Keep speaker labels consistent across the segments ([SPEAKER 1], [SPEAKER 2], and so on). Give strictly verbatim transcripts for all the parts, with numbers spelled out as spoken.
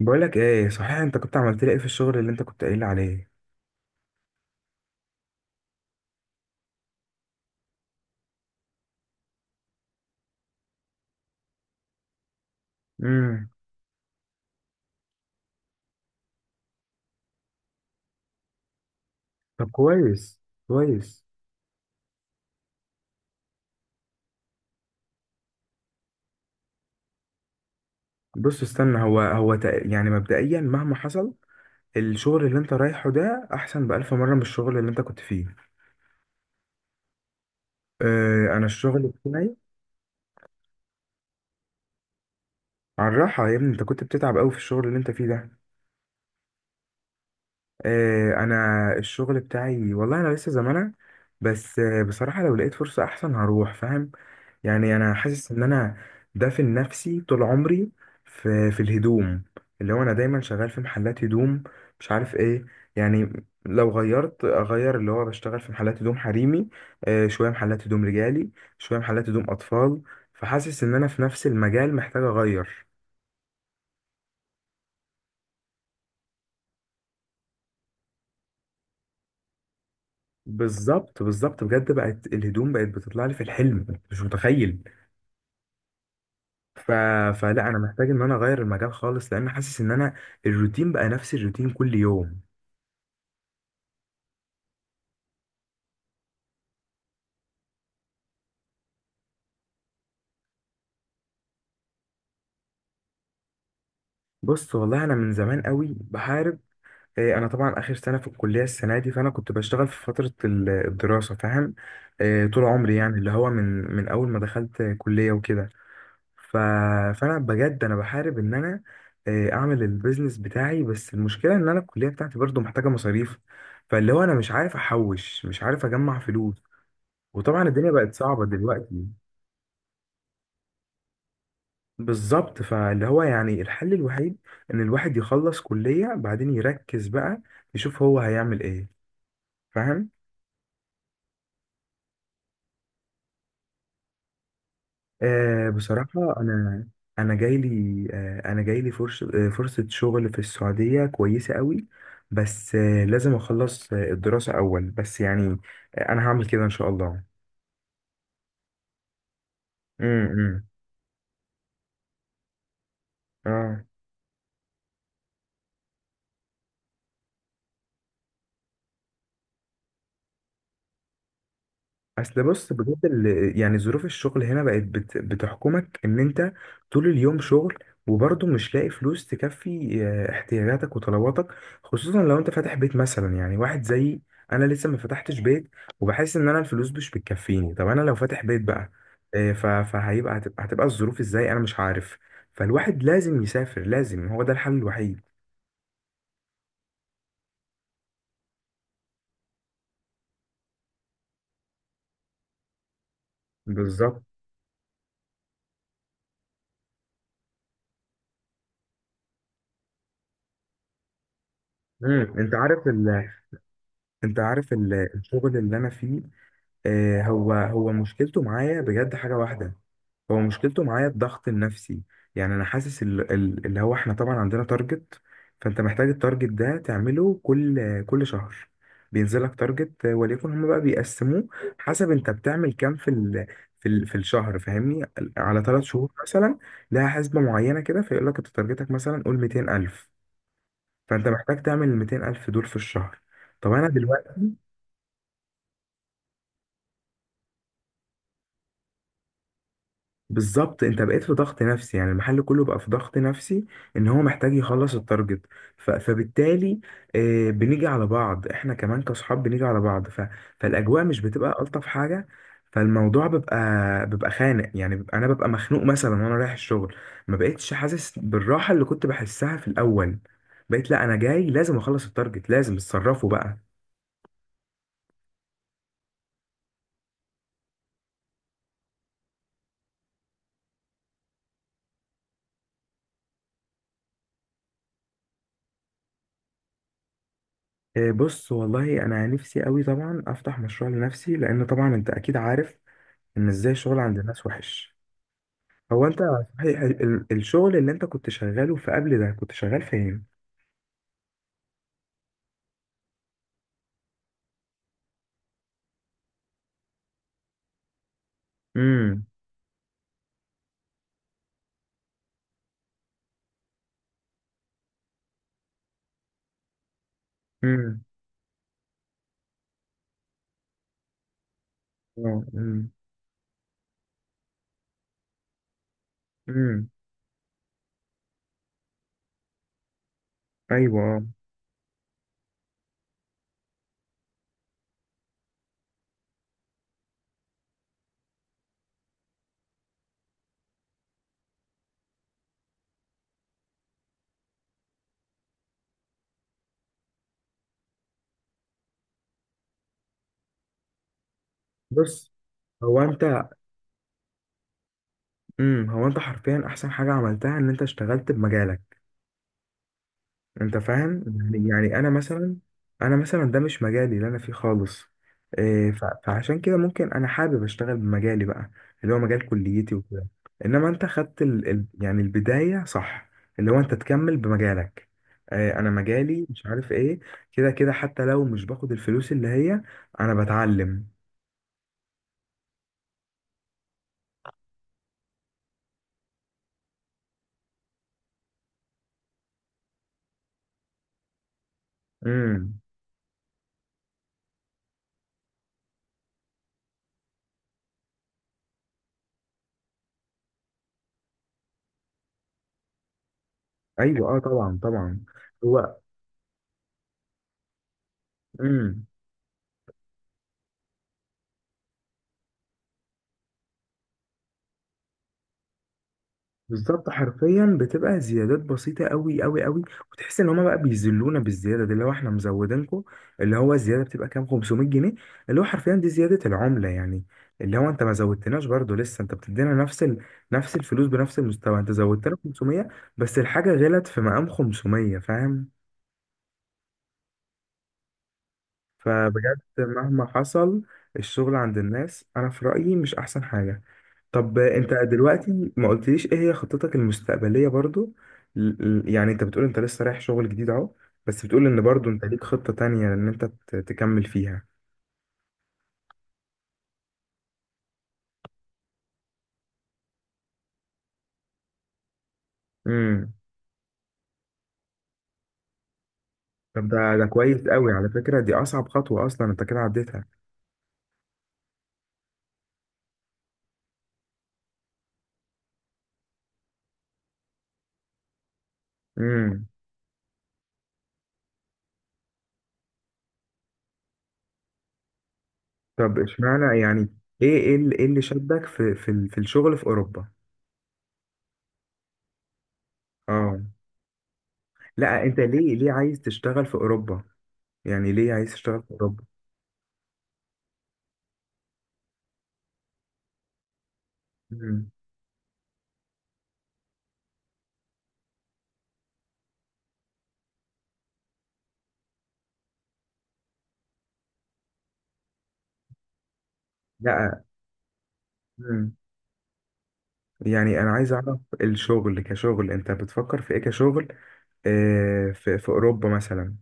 [SPEAKER 1] بقولك ايه، صحيح انت كنت عملت لي ايه في الشغل اللي انت كنت قايل لي عليه؟ امم. طب كويس، كويس. بص، استنى، هو هو تق- يعني مبدئيا مهما حصل، الشغل اللي انت رايحه ده احسن بألف مرة من الشغل اللي انت كنت فيه. اه، انا الشغل بتاعي. على الراحة يا ابني، انت كنت بتتعب قوي في الشغل اللي انت فيه ده. آه، انا الشغل بتاعي والله. انا لسه زمانه، بس آه، بصراحه لو لقيت فرصه احسن هروح، فاهم؟ يعني انا حاسس ان انا دافن نفسي طول عمري في في الهدوم، اللي هو انا دايما شغال في محلات هدوم، مش عارف ايه، يعني. لو غيرت اغير، اللي هو بشتغل في محلات هدوم حريمي، آه، شويه محلات هدوم رجالي، شويه محلات هدوم اطفال. فحاسس ان انا في نفس المجال محتاج اغير. بالظبط، بالظبط، بجد بقت الهدوم بقت بتطلع لي في الحلم، مش متخيل. ف... فلا، انا محتاج ان انا اغير المجال خالص، لان حاسس ان انا الروتين بقى نفس الروتين كل يوم. بص، والله انا من زمان قوي بحارب. إيه، انا طبعا اخر سنه في الكليه السنه دي، فانا كنت بشتغل في فتره ال- الدراسه، فاهم؟ إيه، طول عمري يعني اللي هو من من اول ما دخلت كليه وكده. ف... فانا بجد انا بحارب ان انا إيه، اعمل البيزنس بتاعي، بس المشكله ان انا الكليه بتاعتي برضو محتاجه مصاريف. فاللي هو انا مش عارف احوش، مش عارف اجمع فلوس. وطبعا الدنيا بقت صعبه دلوقتي. بالظبط، فاللي هو يعني الحل الوحيد ان الواحد يخلص كلية، بعدين يركز بقى يشوف هو هيعمل ايه، فاهم؟ آه، بصراحة انا، انا جاي لي آه انا جاي لي فرصة، آه فرصة شغل في السعودية كويسة قوي. بس آه لازم اخلص آه الدراسة اول، بس يعني آه انا هعمل كده ان شاء الله. امم، إمم. اه. اصل بص، بجد ال- يعني ظروف الشغل هنا بقت بت- بتحكمك ان انت طول اليوم شغل، وبرضه مش لاقي فلوس تكفي آه، احتياجاتك وطلباتك، خصوصا لو انت فاتح بيت مثلا، يعني واحد زيي. انا لسه ما فتحتش بيت، وبحس ان انا الفلوس مش بتكفيني. طب انا لو فاتح بيت بقى، آه، ف- فهيبقى هتبقى هتبقى الظروف ازاي انا مش عارف. فالواحد لازم يسافر، لازم، هو ده الحل الوحيد. بالظبط. مم. انت عارف ال... انت عارف ال... الشغل اللي انا فيه، آه، هو هو مشكلته معايا بجد حاجة واحدة. هو مشكلته معايا الضغط النفسي. يعني أنا حاسس ال- ال- اللي هو إحنا طبعا عندنا تارجت، فأنت محتاج التارجت ده تعمله كل كل شهر. بينزلك تارجت، آه، وليكن هما بقى بيقسموه حسب أنت بتعمل كام، في ال في ال في الشهر، فاهمني؟ على ثلاث شهور مثلا لها حسبة معينة كده، فيقول لك أنت تارجتك مثلا قول 200 ألف، فأنت محتاج تعمل ال 200 ألف دول في الشهر. طب أنا دلوقتي بالظبط، انت بقيت في ضغط نفسي، يعني المحل كله بقى في ضغط نفسي ان هو محتاج يخلص التارجت. ف- فبالتالي آه، بنيجي على بعض احنا كمان كصحاب، بنيجي على بعض. ف... فالاجواء مش بتبقى الطف حاجه. فالموضوع بيبقى بيبقى خانق، يعني بيبقى انا ببقى مخنوق مثلا وانا رايح الشغل. ما بقتش حاسس بالراحه اللي كنت بحسها في الاول. بقيت لا، انا جاي لازم اخلص التارجت، لازم اتصرفوا بقى. آه، بص والله، انا نفسي قوي طبعا افتح مشروع لنفسي، لان طبعا انت اكيد عارف ان ازاي الشغل عند الناس وحش. هو انت، صحيح ال- الشغل اللي انت كنت شغاله في قبل ده، كنت شغال فين؟ امم. امم. اه. امم. امم. ايوه، آه. بص. هو انت. امم، هو انت حرفيا احسن حاجه عملتها ان انت اشتغلت بمجالك، انت فاهم؟ يعني يعني انا مثلا انا مثلا ده مش مجالي اللي انا فيه خالص. إيه، ف- فعشان كده ممكن انا حابب اشتغل بمجالي بقى، اللي هو مجال كليتي وكده. انما انت خدت ال... ال... يعني البداية صح، اللي هو انت تكمل بمجالك. إيه، انا مجالي مش عارف ايه، كده كده، حتى لو مش باخد الفلوس اللي هي، انا بتعلم. امم. ايوه، اه، طبعا، طبعا. هو. إمم. بالظبط، حرفيا بتبقى زيادات بسيطة قوي قوي قوي. وتحس ان هما بقى بيذلونا بالزيادة دي، اللي هو احنا مزودينكم. اللي هو الزيادة بتبقى كام؟ خمسمية جنيه، اللي هو حرفيا دي زيادة العملة يعني. اللي هو انت ما زودتناش، برضو لسه انت بتدينا نفس ال... نفس الفلوس بنفس المستوى، انت زودتنا خمسمية، بس الحاجة غلت في مقام خمسمية، فاهم؟ فبجد مهما حصل، الشغل عند الناس، انا في رأيي، مش احسن حاجة. طب انت دلوقتي ما قلتليش ايه هي خطتك المستقبلية برضو؟ ل- ل- يعني انت بتقول انت لسه رايح شغل جديد اهو، بس بتقول ان برضو انت ليك خطة تانية ان انت ت- تكمل فيها. امم. طب ده ده كويس قوي على فكرة، دي اصعب خطوة اصلا انت كده عديتها. امم. طب اشمعنى يعني؟ ايه ايه اللي, إيه اللي شدك في في ال- في الشغل في اوروبا؟ اه. لا، انت ليه، ليه عايز تشتغل في اوروبا؟ يعني ليه عايز تشتغل في اوروبا؟ امم. لا، يعني انا عايز اعرف الشغل كشغل، انت بتفكر في ايه كشغل آه في في اوروبا مثلا؟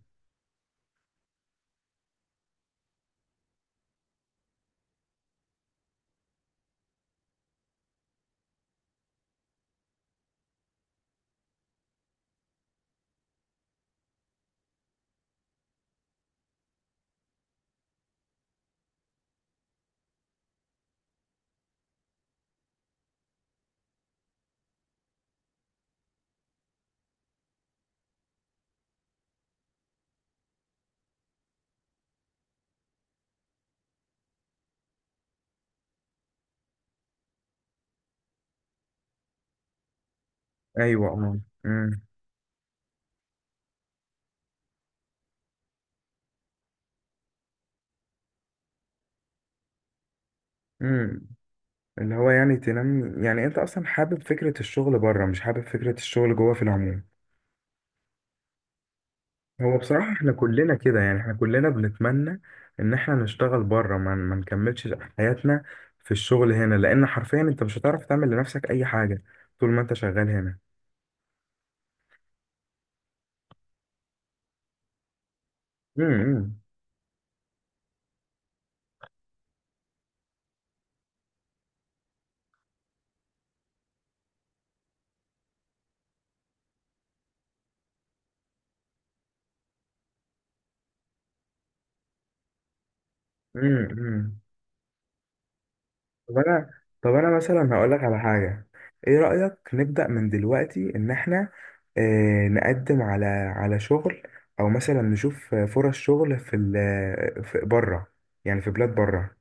[SPEAKER 1] ايوه، اه. امم. امم. اللي هو يعني تنام، يعني انت اصلا حابب فكرة الشغل بره، مش حابب فكرة الشغل جوه في العموم. هو بصراحة احنا كلنا كده، يعني احنا كلنا بنتمنى ان احنا نشتغل بره، ما ما نكملش حياتنا في الشغل هنا، لان حرفيا انت مش هتعرف تعمل لنفسك اي حاجة طول ما انت شغال هنا. امم. امم. طب انا طب انا مثلا هقول لك على حاجه، ايه رايك نبدا من دلوقتي ان احنا آه، نقدم على، على شغل، او مثلا نشوف آه، فرص شغل في ال في بره؟ يعني في بلاد بره.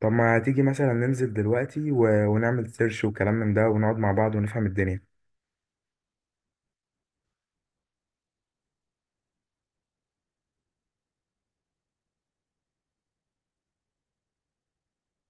[SPEAKER 1] طب ما تيجي مثلا ننزل دلوقتي و- ونعمل سيرش وكلام من ده، ونقعد مع بعض ونفهم الدنيا؟